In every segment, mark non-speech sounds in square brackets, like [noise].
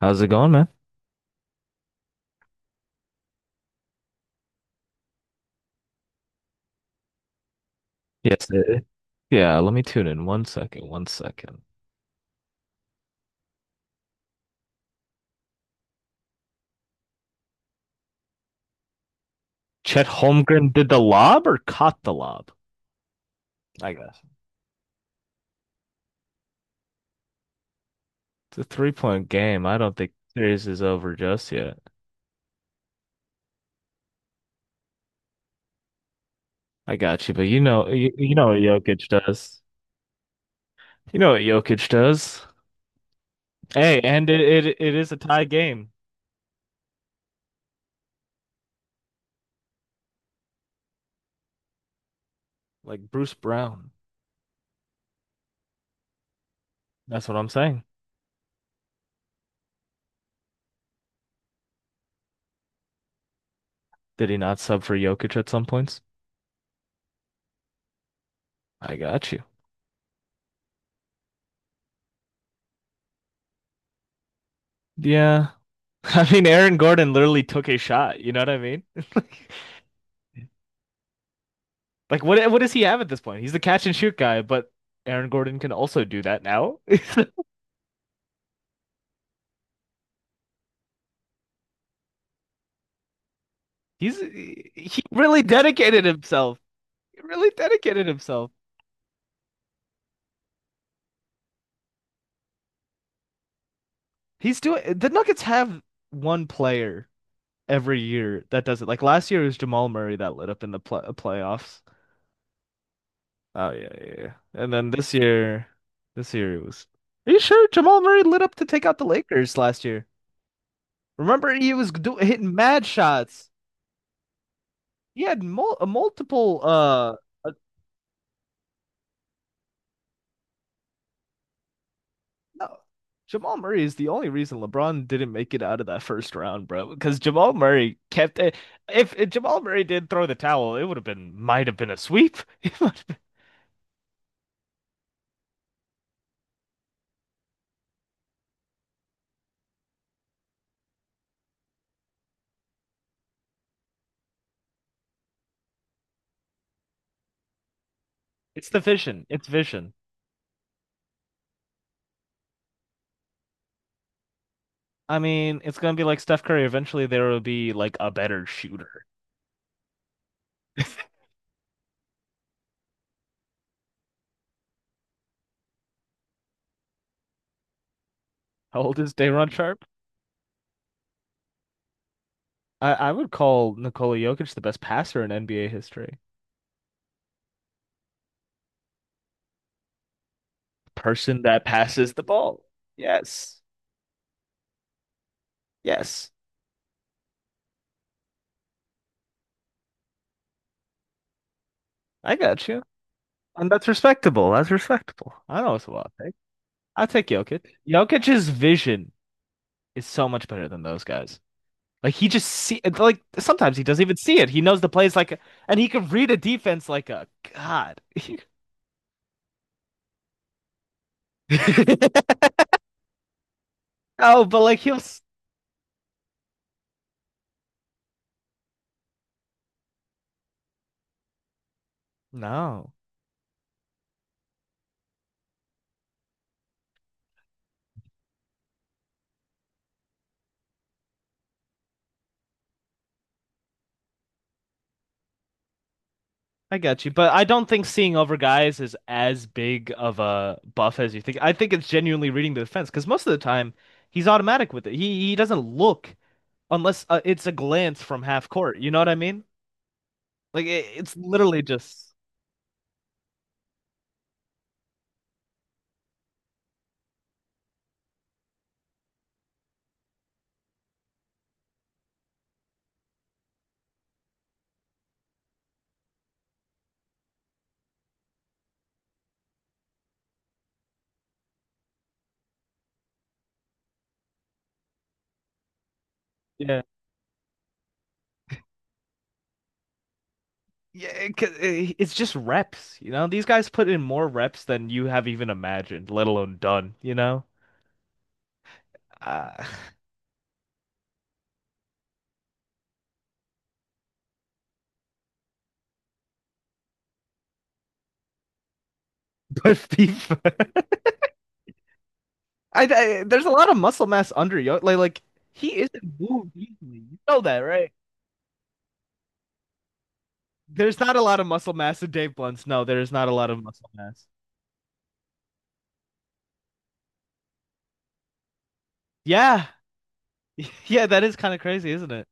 How's it going, man? Yes, it- yeah, let me tune in. 1 second. 1 second. Chet Holmgren did the lob or caught the lob? I guess it's a three-point game. I don't think series is over just yet. I got you, but you know, you know what Jokic does. You know what Jokic does. Hey, and it is a tie game. Like Bruce Brown. That's what I'm saying. Did he not sub for Jokic at some points? I got you. Yeah. [laughs] I mean, Aaron Gordon literally took a shot. You know what I mean? [laughs] Like what does he have at this point? He's the catch and shoot guy, but Aaron Gordon can also do that now. [laughs] He really dedicated himself. He really dedicated himself. He's doing the Nuggets have one player every year that does it. Like last year it was Jamal Murray that lit up in the pl playoffs. Oh yeah, yeah, yeah. And then this year it was. Are you sure Jamal Murray lit up to take out the Lakers last year? Remember he was do hitting mad shots. He had multiple No. Jamal Murray is the only reason LeBron didn't make it out of that first round, bro, because Jamal Murray kept it. If Jamal Murray did throw the towel, it would have been, might have been a sweep. [laughs] It might have been- It's the vision. It's vision. I mean, it's gonna be like Steph Curry. Eventually, there will be like a better shooter. [laughs] How old is Daron Sharp? I would call Nikola Jokic the best passer in NBA history. Person that passes the ball. Yes. Yes. I got you. And that's respectable. That's respectable. I know it's a lot. I'll take Jokic. Jokic's vision is so much better than those guys. Like he just see like sometimes he doesn't even see it. He knows the plays like, and he can read a defense like a god. [laughs] Oh, but like he'll s- No. I got you, but I don't think seeing over guys is as big of a buff as you think. I think it's genuinely reading the defense because most of the time he's automatic with it. He doesn't look unless it's a glance from half court. You know what I mean? Like it's literally just yeah. Yeah, it's just reps, you know? These guys put in more reps than you have even imagined, let alone done, you know? Uh, [laughs] but FIFA, I, there's a lot of muscle mass under Yo. Like he isn't moved easily. You know that, right? There's not a lot of muscle mass in Dave Blunt's. No, there is not a lot of muscle mass. Yeah, [laughs] yeah, that is kind of crazy, isn't it?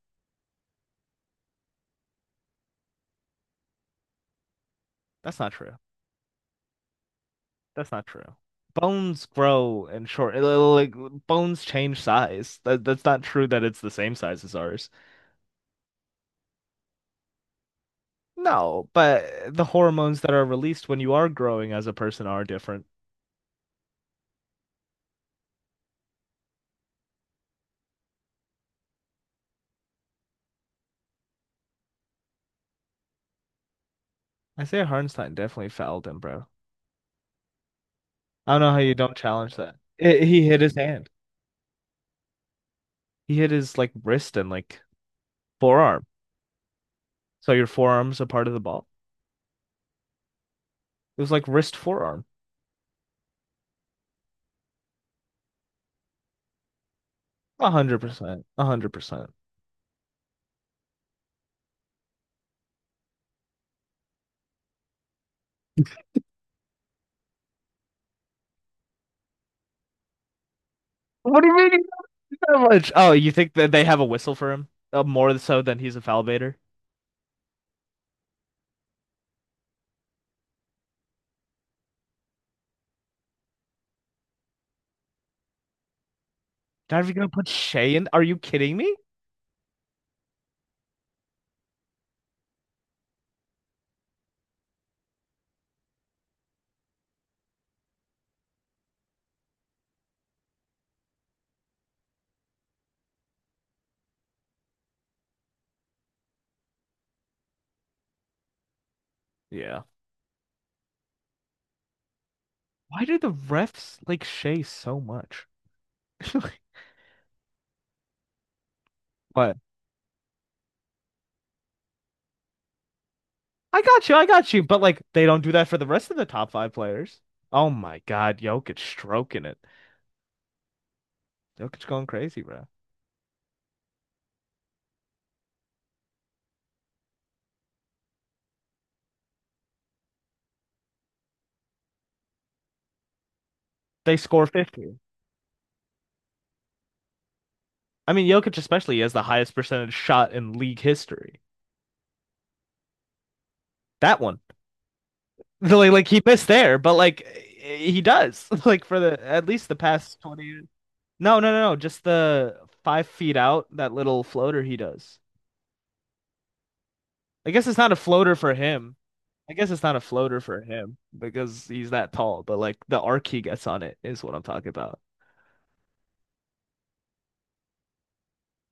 That's not true. That's not true. Bones grow and short, bones change size. That's not true that it's the same size as ours. No, but the hormones that are released when you are growing as a person are different. Isaiah Hartenstein definitely fouled him, bro. I don't know how you don't challenge that. It, he hit his hand. He hit his like wrist and like forearm. So your forearm's a part of the ball. It was like wrist forearm. 100%. 100%. What do you mean he did that much? Oh, you think that they have a whistle for him? More so than he's a foul baiter? Not even gonna put Shea in? Are you kidding me? Yeah. Why do the refs like Shea so much? [laughs] What? I got you, but like they don't do that for the rest of the top five players. Oh my God, Jokic stroking it. Jokic going crazy, bro. They score 50. I mean, Jokic especially has the highest percentage shot in league history. That one. [laughs] Like he missed there, but like he does. [laughs] Like for the at least the past 20 years. No, no, no, no. Just the 5 feet out, that little floater he does. I guess it's not a floater for him. I guess it's not a floater for him because he's that tall, but like the arc he gets on it is what I'm talking about.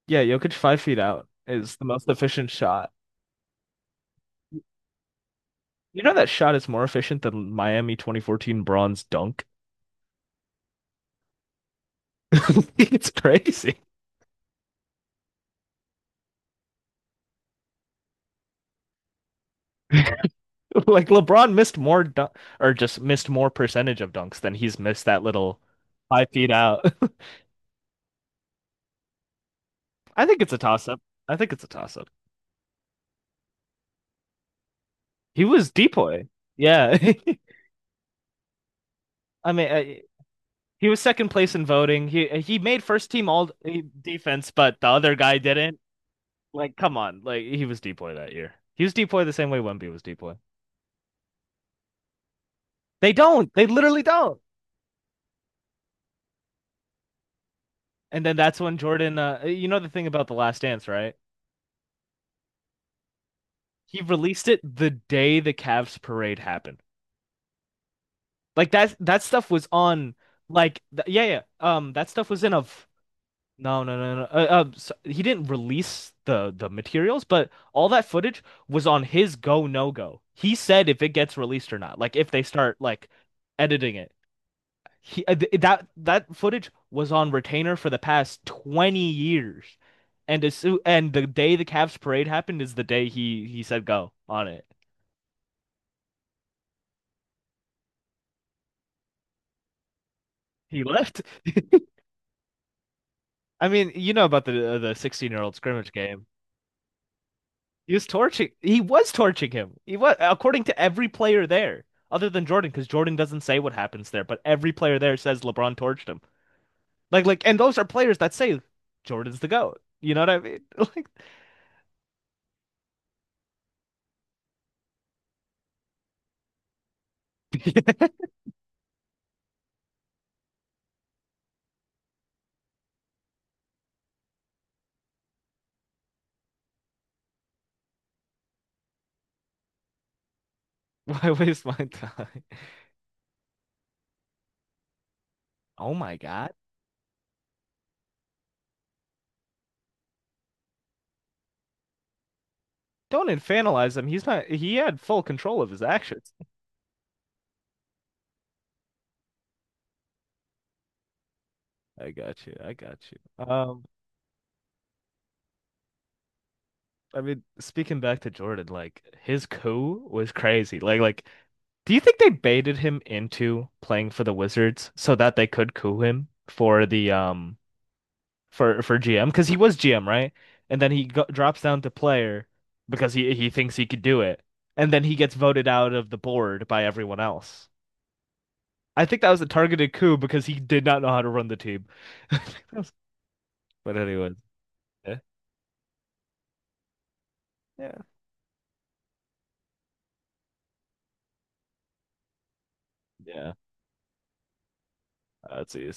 Yeah, Jokic 5 feet out is the most efficient shot. You know that shot is more efficient than Miami 2014 bronze dunk? [laughs] It's crazy. [laughs] Like LeBron missed more dun or just missed more percentage of dunks than he's missed that little 5 feet out. [laughs] I think it's a toss up. I think it's a toss up. He was depoy. Yeah. [laughs] I mean, I, he was second place in voting. He made first team all defense, but the other guy didn't. Like, come on. Like he was depoy that year. He was depoy the same way Wemby was depoy. They don't. They literally don't. And then that's when Jordan, you know the thing about The Last Dance, right? He released it the day the Cavs parade happened. Like that stuff was on like th yeah, yeah. That stuff was in a no, he didn't release the materials, but all that footage was on his go no go. He said if it gets released or not, like if they start like editing it. He th that that footage was on retainer for the past 20 years. And the day the Cavs parade happened is the day he said go on it. He left. [laughs] I mean, you know about the 16-year-old scrimmage game. He was torching him. He was, according to every player there other than Jordan because Jordan doesn't say what happens there, but every player there says LeBron torched him. Like and those are players that say Jordan's the GOAT. You know what I mean? [laughs] Like why waste my time? [laughs] Oh my God. Don't infantilize him. He's not, he had full control of his actions. I got you. I got you. I mean, speaking back to Jordan, like his coup was crazy. Do you think they baited him into playing for the Wizards so that they could coup him for the for GM? Because he was GM, right? And then he go drops down to player because he thinks he could do it, and then he gets voted out of the board by everyone else. I think that was a targeted coup because he did not know how to run the team. [laughs] But anyways, yeah. Yeah, yeah. That's it.